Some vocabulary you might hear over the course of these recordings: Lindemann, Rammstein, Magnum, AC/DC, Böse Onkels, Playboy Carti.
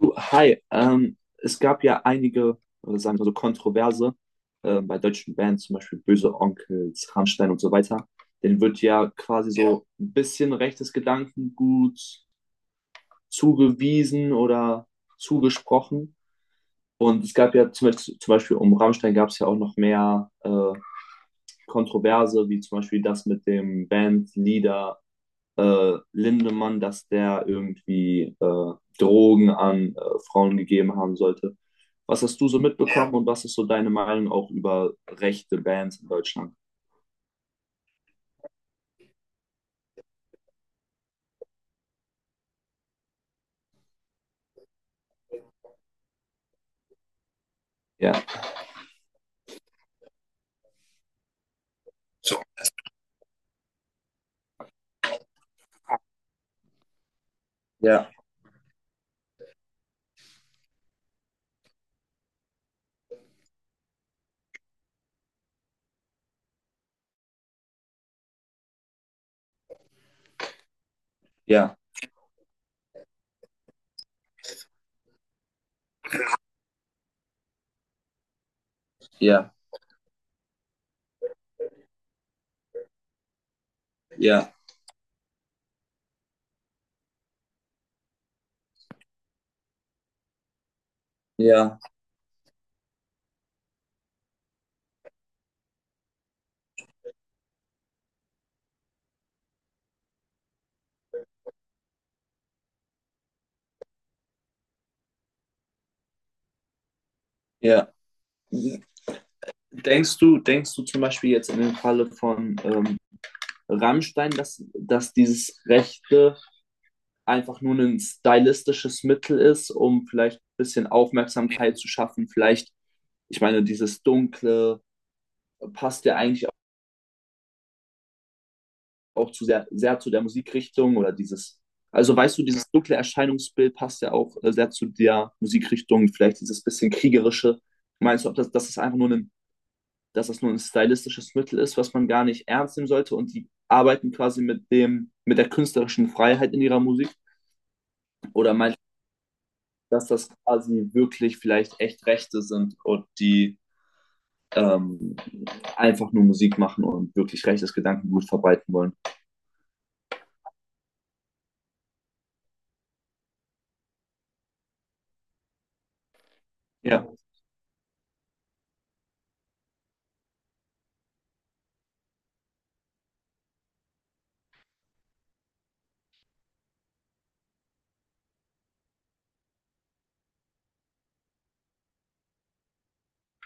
Du, hi, es gab ja einige, sagen wir so, Kontroverse bei deutschen Bands, zum Beispiel Böse Onkels, Rammstein und so weiter. Denen wird ja quasi so ein bisschen rechtes Gedankengut zugewiesen oder zugesprochen. Und es gab ja zum Beispiel um Rammstein gab es ja auch noch mehr Kontroverse, wie zum Beispiel das mit dem Bandleader Lindemann, dass der irgendwie Drogen an Frauen gegeben haben sollte. Was hast du so mitbekommen, ja, und was ist so deine Meinung auch über rechte Bands in Deutschland? Ja. Ja, ja, ja, ja, ja, ja. Denkst du zum Beispiel jetzt in dem Falle von Rammstein, dass dieses Rechte einfach nur ein stylistisches Mittel ist, um vielleicht ein bisschen Aufmerksamkeit zu schaffen? Vielleicht, ich meine, dieses Dunkle passt ja eigentlich auch zu sehr, sehr zu der Musikrichtung oder dieses, also weißt du, dieses dunkle Erscheinungsbild passt ja auch sehr zu der Musikrichtung, vielleicht dieses bisschen kriegerische. Meinst du, ob das, dass es einfach nur ein, dass das nur ein stylistisches Mittel ist, was man gar nicht ernst nehmen sollte, und die arbeiten quasi mit dem, mit der künstlerischen Freiheit in ihrer Musik? Oder meinst du, dass das quasi wirklich vielleicht echt Rechte sind und die ähm, einfach nur Musik machen und wirklich rechtes Gedankengut verbreiten wollen? Ja,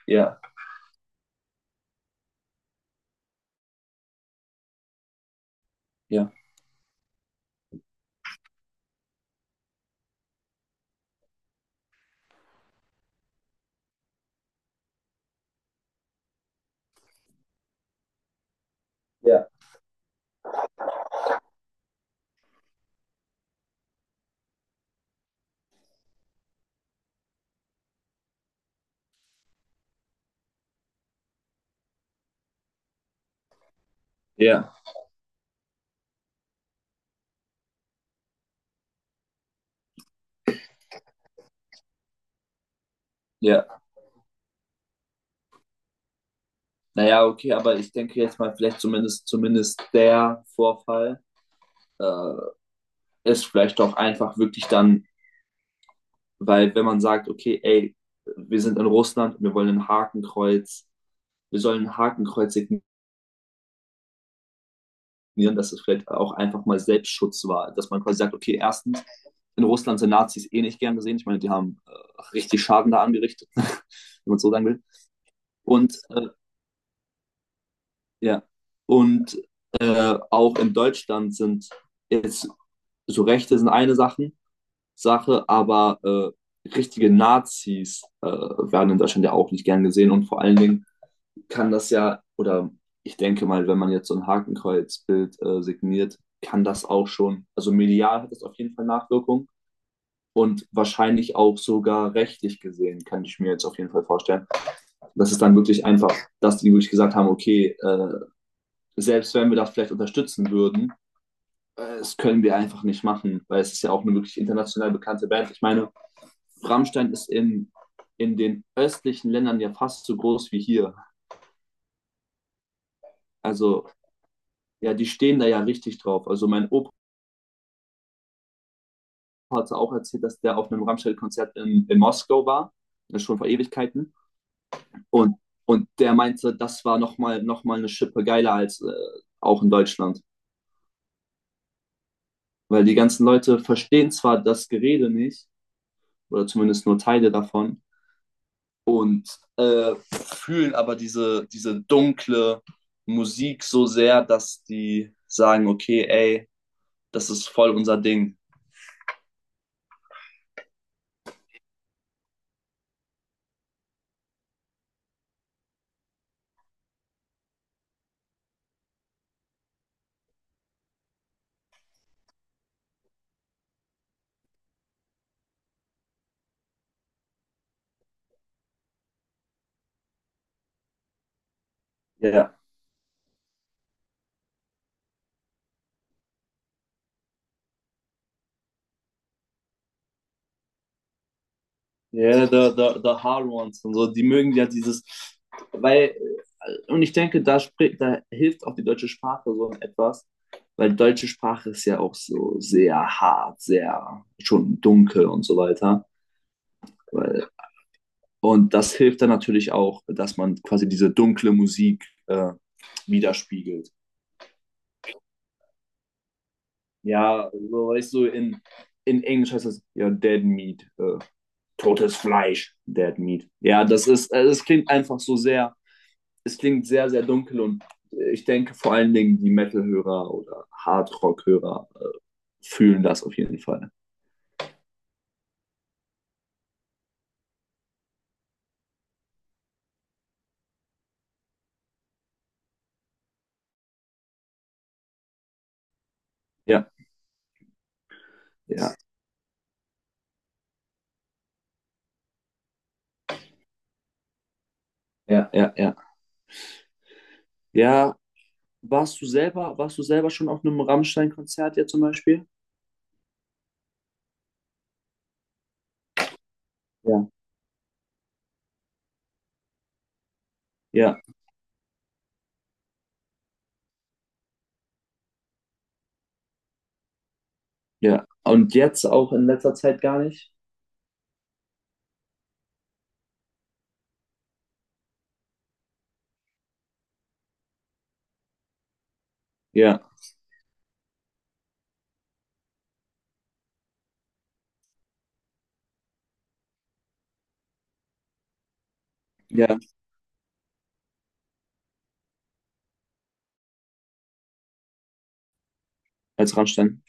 ja, ja, ja, ja, ja. Naja, okay, aber ich denke jetzt mal, vielleicht zumindest, zumindest der Vorfall äh, ist vielleicht auch einfach wirklich dann, weil wenn man sagt, okay, ey, wir sind in Russland, wir wollen ein Hakenkreuz, wir sollen ein Hakenkreuz signieren, dass es vielleicht auch einfach mal Selbstschutz war, dass man quasi sagt, okay, erstens, in Russland sind Nazis eh nicht gern gesehen, ich meine, die haben richtig Schaden da angerichtet, wenn man es so sagen will. Und äh, Ja. Und auch in Deutschland sind jetzt so Rechte sind eine Sache, Sache, aber richtige Nazis werden in Deutschland ja auch nicht gern gesehen. Und vor allen Dingen kann das ja, oder ich denke mal, wenn man jetzt so ein Hakenkreuzbild signiert, kann das auch schon, also medial hat das auf jeden Fall Nachwirkung und wahrscheinlich auch sogar rechtlich gesehen, kann ich mir jetzt auf jeden Fall vorstellen. Das ist dann wirklich einfach, dass die wirklich gesagt haben, okay, selbst wenn wir da vielleicht unterstützen würden, das können wir einfach nicht machen, weil es ist ja auch eine wirklich international bekannte Band. Ich meine, Rammstein ist in den östlichen Ländern ja fast so groß wie hier. Also ja, die stehen da ja richtig drauf. Also mein Opa hat auch erzählt, dass der auf einem Rammstein-Konzert in Moskau war, das ist schon vor Ewigkeiten. Und, und der meinte, das war noch mal eine Schippe geiler als auch in Deutschland. Weil die ganzen Leute verstehen zwar das Gerede nicht, oder zumindest nur Teile davon, und fühlen aber diese, diese dunkle Musik so sehr, dass die sagen, okay, ey, das ist voll unser Ding. Ja, yeah. Ja, yeah, the Hard Ones und so, die mögen ja dieses, weil, und ich denke, da, spricht, da hilft auch die deutsche Sprache so etwas, weil die deutsche Sprache ist ja auch so sehr hart, sehr schon dunkel und so weiter. Weil und das hilft dann natürlich auch, dass man quasi diese dunkle Musik widerspiegelt. Ja, so weißt du, in Englisch heißt das ja Dead Meat, totes Fleisch, Dead Meat. Ja, das ist, es klingt einfach so sehr, es klingt sehr, sehr dunkel und ich denke vor allen Dingen die Metal-Hörer oder Hardrock-Hörer fühlen das auf jeden Fall. Ja, ja, ja, ja, ja. Ja, warst du selber schon auf einem Rammstein-Konzert, ja, zum Beispiel? Ja, ja, ja. Und jetzt auch in letzter Zeit gar nicht? Ja, ja, als Rammstein.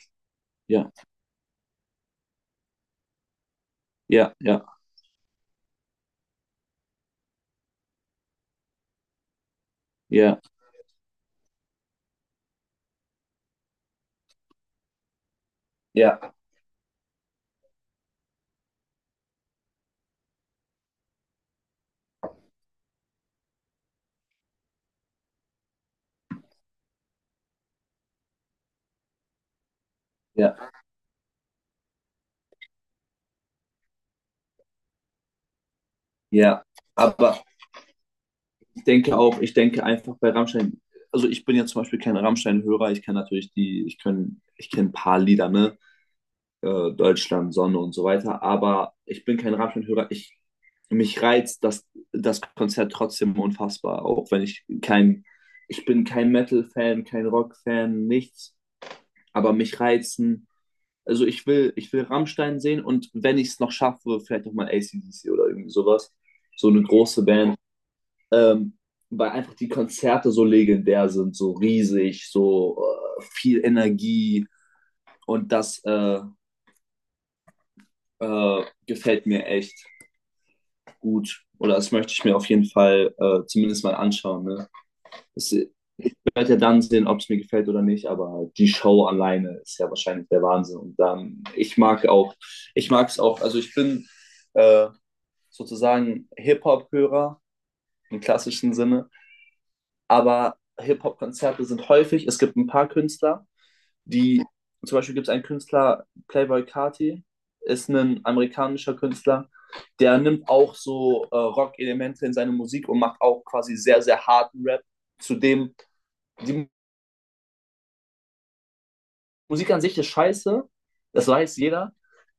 Ja, ja, ja, ja, ja, ja, ja. Aber ich denke auch, ich denke einfach bei Rammstein, also ich bin ja zum Beispiel kein Rammstein-Hörer, ich kann natürlich die, ich kann, ich kenne ein paar Lieder, ne? Deutschland, Sonne und so weiter. Aber ich bin kein Rammstein-Hörer. Ich, mich reizt das, das Konzert trotzdem unfassbar, auch wenn ich kein, ich bin kein Metal-Fan, kein Rock-Fan, nichts. Aber mich reizen, also ich will Rammstein sehen, und wenn ich es noch schaffe, vielleicht noch mal AC/DC oder irgendwie sowas. So eine große Band. Ähm, Weil einfach die Konzerte so legendär sind, so riesig, so viel Energie und das gefällt mir echt gut. Oder das möchte ich mir auf jeden Fall zumindest mal anschauen. Ne? Es wird ja dann sehen, ob es mir gefällt oder nicht, aber die Show alleine ist ja wahrscheinlich der Wahnsinn. Und dann, ich mag auch, ich mag es auch, also ich bin äh, sozusagen Hip-Hop-Hörer im klassischen Sinne, aber Hip-Hop-Konzerte sind häufig, es gibt ein paar Künstler, die, zum Beispiel gibt es einen Künstler, Playboy Carti, ist ein amerikanischer Künstler, der nimmt auch so Rock-Elemente in seine Musik und macht auch quasi sehr, sehr harten Rap. Zudem, die Musik an sich ist scheiße, das weiß jeder,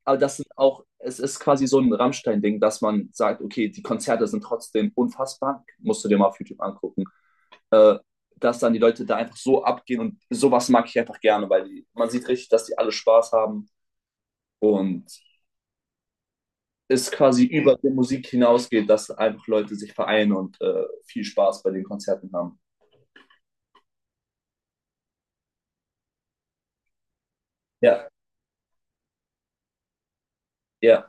aber das sind auch, es ist quasi so ein Rammstein-Ding, dass man sagt, okay, die Konzerte sind trotzdem unfassbar, musst du dir mal auf YouTube angucken, äh, dass dann die Leute da einfach so abgehen und sowas mag ich einfach gerne, weil die, man sieht richtig, dass die alle Spaß haben und es quasi über die Musik hinausgeht, dass einfach Leute sich vereinen und viel Spaß bei den Konzerten haben. Ja, ja,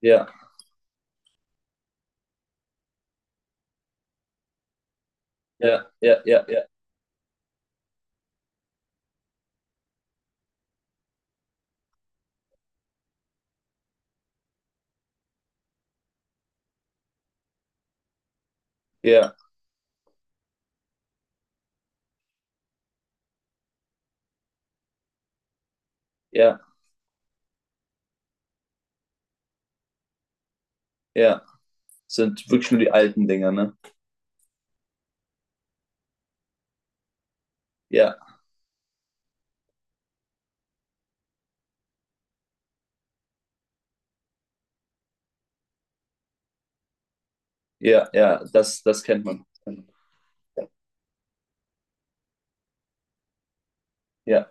ja, ja, ja, ja, ja, ja, ja, ja. Sind wirklich nur die alten Dinger, ne? Ja, ja, ja, das, das kennt man. Ja.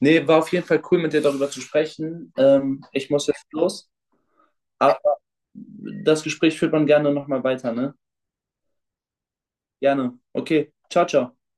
Nee, war auf jeden Fall cool, mit dir darüber zu sprechen. Ich muss jetzt los. Aber das Gespräch führt man gerne nochmal weiter, ne? Gerne. Okay. Ciao, ciao.